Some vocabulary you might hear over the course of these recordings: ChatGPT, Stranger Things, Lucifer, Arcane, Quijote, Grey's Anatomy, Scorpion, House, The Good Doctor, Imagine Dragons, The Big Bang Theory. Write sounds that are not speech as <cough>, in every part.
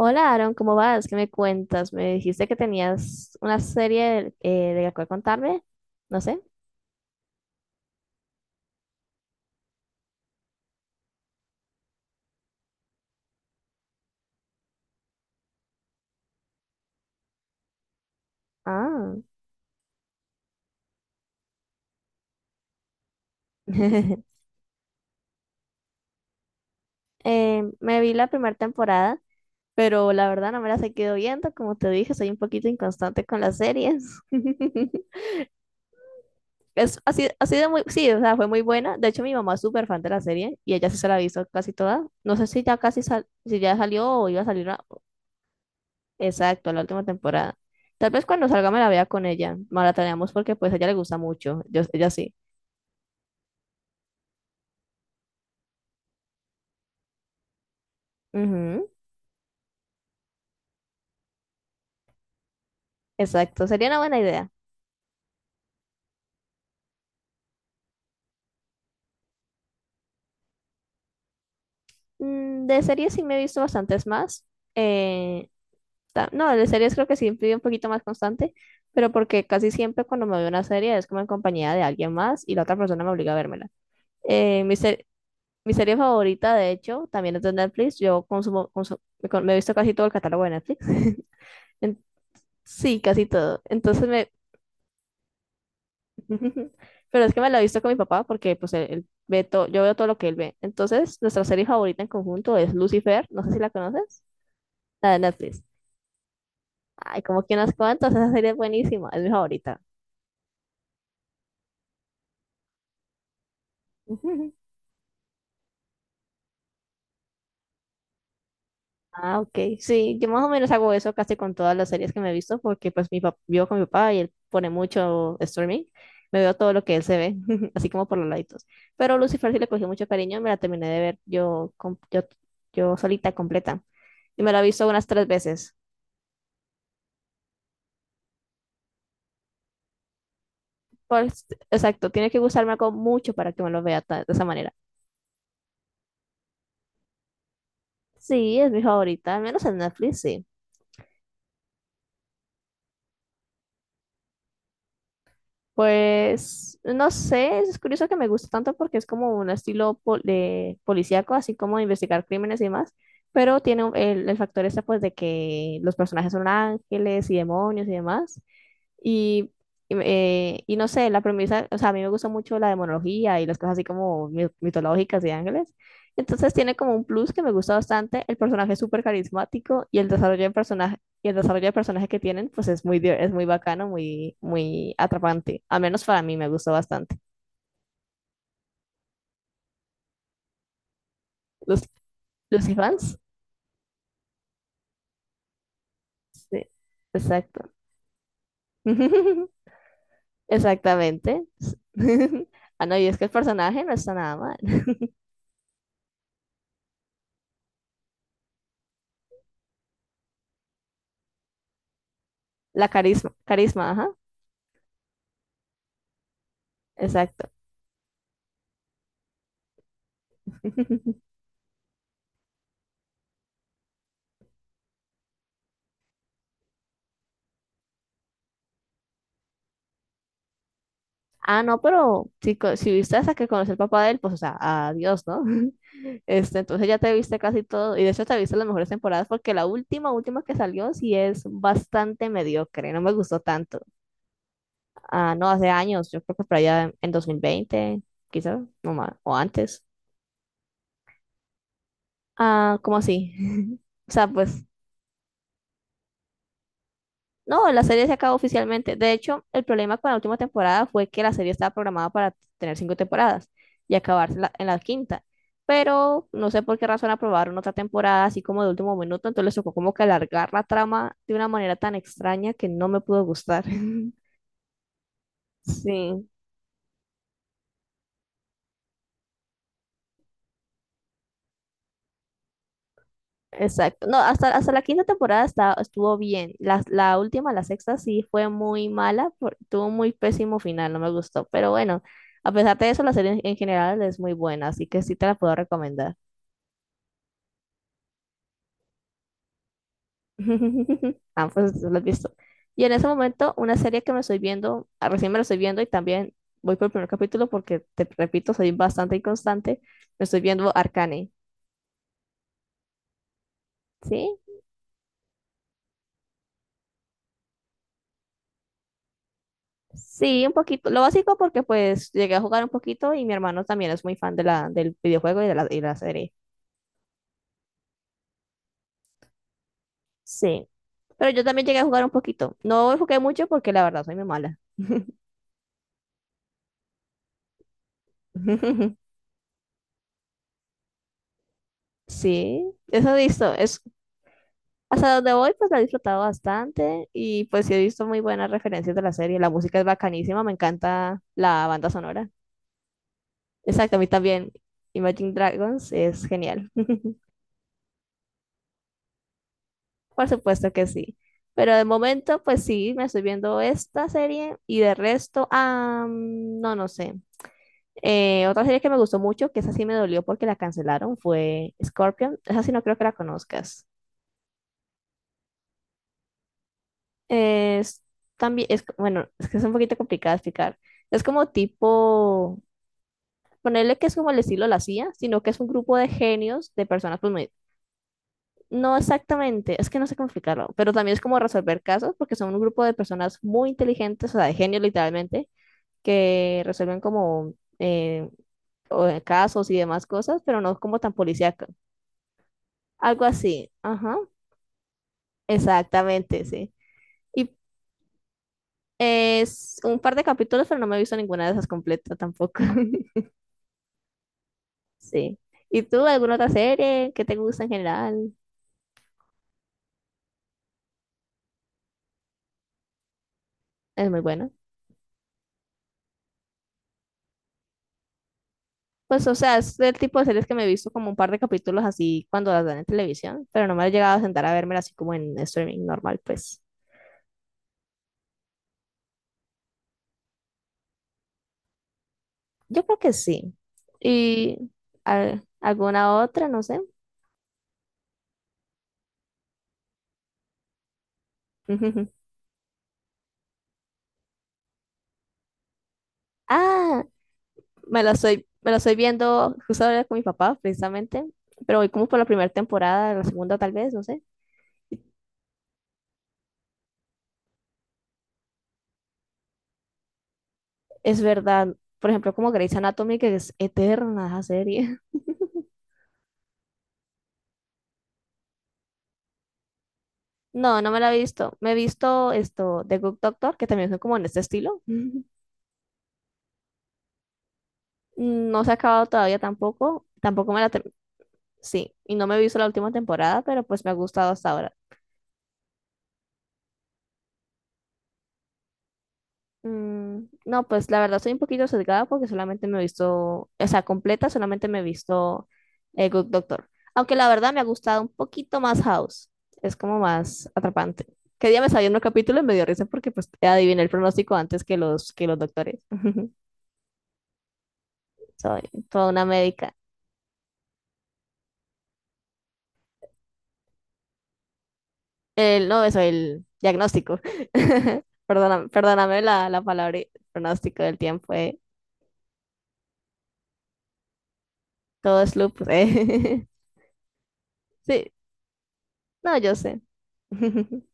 Hola Aaron, ¿cómo vas? ¿Qué me cuentas? Me dijiste que tenías una serie de la cual contarme. No sé. Ah. <laughs> Me vi la primera temporada, pero la verdad no me la he seguido viendo. Como te dije, soy un poquito inconstante con las series. <laughs> Es así, así de muy, sí, o sea, fue muy buena. De hecho, mi mamá es súper fan de la serie y ella sí se la ha visto casi toda. No sé si ya salió o iba a salir una- Exacto, la última temporada. Tal vez cuando salga me la vea con ella. Maratoneamos porque pues a ella le gusta mucho. Yo, ella sí. Ujú. Exacto, sería una buena idea. De series sí me he visto bastantes más. Eh, no, de series creo que sí fui un poquito más constante, pero porque casi siempre cuando me veo una serie es como en compañía de alguien más y la otra persona me obliga a vérmela. Eh, mi, se- Mi serie favorita, de hecho, también es de Netflix. Yo consumo, consu- me, con- me he visto casi todo el catálogo de Netflix. <laughs> En- sí, casi todo. Entonces me. <laughs> Pero es que me la he visto con mi papá porque pues él ve todo, yo veo todo lo que él ve. Entonces, nuestra serie favorita en conjunto es Lucifer. No sé si la conoces. La de Netflix. Ay, como que unas cuantas. Esa serie es buenísima. Es mi favorita. <laughs> Ah, ok. Sí, yo más o menos hago eso casi con todas las series que me he visto, porque pues mi papá, vivo con mi papá y él pone mucho streaming. Me veo todo lo que él se ve, <laughs> así como por los laditos. Pero Lucifer sí le cogí mucho cariño me la terminé de ver yo solita, completa. Y me la he visto unas tres veces. Pues, exacto, tiene que gustarme algo mucho para que me lo vea de esa manera. Sí, es mi favorita, al menos en Netflix, sí. Pues no sé, es curioso que me gusta tanto porque es como un estilo de policíaco, así como de investigar crímenes y demás, pero tiene el factor este pues de que los personajes son ángeles y demonios y demás. Y, y y no sé, la premisa, o sea, a mí me gusta mucho la demonología y las cosas así como mitológicas y ángeles. Entonces tiene como un plus que me gusta bastante. El personaje es súper carismático y el desarrollo de personaje que tienen, pues es muy, bacano, muy, muy atrapante. Al menos para mí me gustó bastante. ¿Los, los fans? Sí, exacto. <laughs> Exactamente. <laughs> Ah, no, y es que el personaje no está nada mal. <laughs> La carisma, carisma, ajá, exacto. <laughs> Ah, no, pero si viste hasta que conocí al papá de él, pues, o sea, adiós, ¿no? <laughs> Este, entonces ya te viste casi todo, y de hecho te viste las mejores temporadas, porque la última, última que salió sí es bastante mediocre, no me gustó tanto. Ah, no, hace años, yo creo que por allá en 2020, quizás, no más, o antes. Ah, ¿cómo así? <laughs> O sea, pues no, la serie se acabó oficialmente. De hecho, el problema con la última temporada fue que la serie estaba programada para tener cinco temporadas y acabarse en la quinta. Pero no sé por qué razón aprobaron otra temporada así como de último minuto, entonces les tocó como que alargar la trama de una manera tan extraña que no me pudo gustar. <laughs> Sí. Exacto. No, hasta la quinta temporada estuvo bien. La última, la sexta, sí fue muy mala, tuvo un muy pésimo final, no me gustó. Pero bueno, a pesar de eso, la serie en general es muy buena, así que sí te la puedo recomendar. <laughs> Ah, pues lo has visto. Y en ese momento, una serie que me estoy viendo, recién me la estoy viendo y también voy por el primer capítulo porque, te repito, soy bastante inconstante, me estoy viendo Arcane, ¿sí? Sí, un poquito. Lo básico porque pues llegué a jugar un poquito y mi hermano también es muy fan de la, y la serie. Sí. Pero yo también llegué a jugar un poquito. No jugué mucho porque la verdad soy muy mala. <laughs> Sí, eso he visto. Hasta donde voy pues la he disfrutado bastante y pues sí he visto muy buenas referencias de la serie. La música es bacanísima, me encanta la banda sonora. Exacto, a mí también. Imagine Dragons es genial. <laughs> Por supuesto que sí. Pero de momento, pues sí, me estoy viendo esta serie y de resto, no, no sé. Otra serie que me gustó mucho, que esa sí me dolió porque la cancelaron, fue Scorpion. Esa sí no creo que la conozcas. Es también, bueno, es que es un poquito complicado de explicar. Es como tipo, ponerle que es como el estilo de la CIA, sino que es un grupo de genios, de personas pues, No exactamente, es que no sé cómo explicarlo, pero también es como resolver casos, porque son un grupo de personas muy inteligentes, o sea, de genios literalmente, que resuelven como casos y demás cosas, pero no como tan policíaco. Algo así, ajá, exactamente, sí. Y es un par de capítulos, pero no me he visto ninguna de esas completa tampoco. <laughs> Sí. ¿Y tú, alguna otra serie que te gusta en general? Es muy buena. Pues, o sea, es el tipo de series que me he visto como un par de capítulos así cuando las dan en televisión, pero no me he llegado a sentar a verme así como en streaming normal, pues. Yo creo que sí. Y alguna otra, no sé. <laughs> Ah, me la estoy viendo justo ahora con mi papá, precisamente, pero voy como por la primera temporada, la segunda tal vez, no sé. Es verdad, por ejemplo, como Grey's Anatomy, que es eterna esa serie. <laughs> No, no me la he visto. Me he visto esto, The Good Doctor, que también son como en este estilo. <laughs> No se ha acabado todavía tampoco. Tampoco me la ter-. Sí, y no me he visto la última temporada, pero pues me ha gustado hasta ahora. No, pues la verdad soy un poquito sesgada porque solamente me he visto, o sea, completa, solamente me he visto Good Doctor. Aunque la verdad me ha gustado un poquito más House. Es como más atrapante. Que día me salió un capítulo y me dio risa porque pues adiviné el pronóstico antes que los doctores. <laughs> Soy toda una médica. El, no, eso, el diagnóstico. <laughs> Perdóname la palabra pronóstico del tiempo. Todo es loop. <laughs> Sí, no, yo sé. <laughs>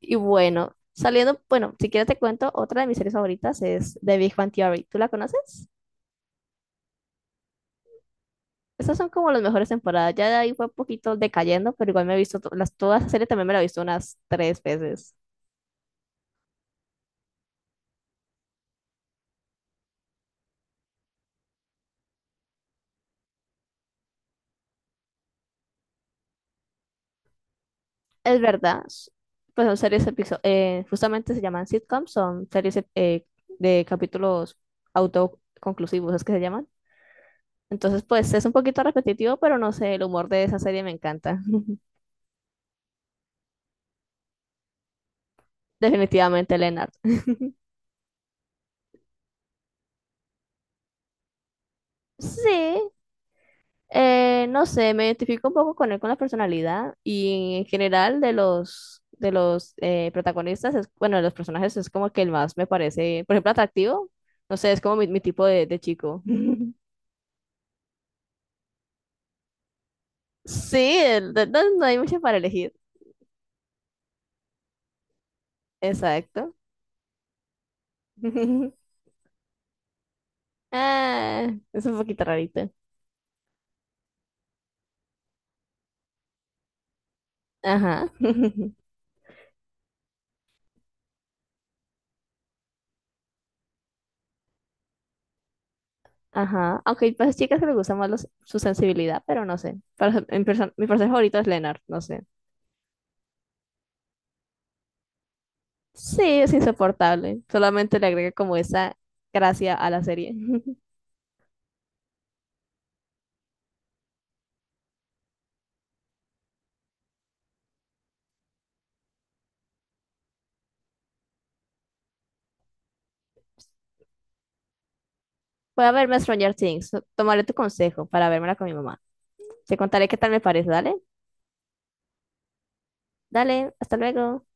Y bueno, saliendo, bueno, si quieres te cuento, otra de mis series favoritas es The Big Bang Theory. ¿Tú la conoces? Esas son como las mejores temporadas. Ya de ahí fue un poquito decayendo, pero igual me he visto toda esa serie también me la he visto unas tres veces. Es verdad, pues son series justamente se llaman sitcoms, son series de capítulos autoconclusivos, es que se llaman. Entonces, pues es un poquito repetitivo, pero no sé, el humor de esa serie me encanta. <laughs> Definitivamente, Leonard. Sí, no sé, me identifico un poco con él, con la personalidad y en general de los protagonistas, bueno, de los personajes es como que el más me parece, por ejemplo, atractivo. No sé, es como mi tipo de chico. <laughs> Sí, no, no hay mucho para elegir. Exacto. <laughs> Ah, es un poquito rarito. Ajá, <laughs> ajá. Aunque hay pues, chicas que les gusta más su sensibilidad, pero no sé. Mi personaje favorito es Leonard, no sé. Sí, es insoportable. Solamente le agrega como esa gracia a la serie. <laughs> Voy a verme Stranger Things. Tomaré tu consejo para vermela con mi mamá. Te contaré qué tal me parece, ¿dale? Dale, hasta luego.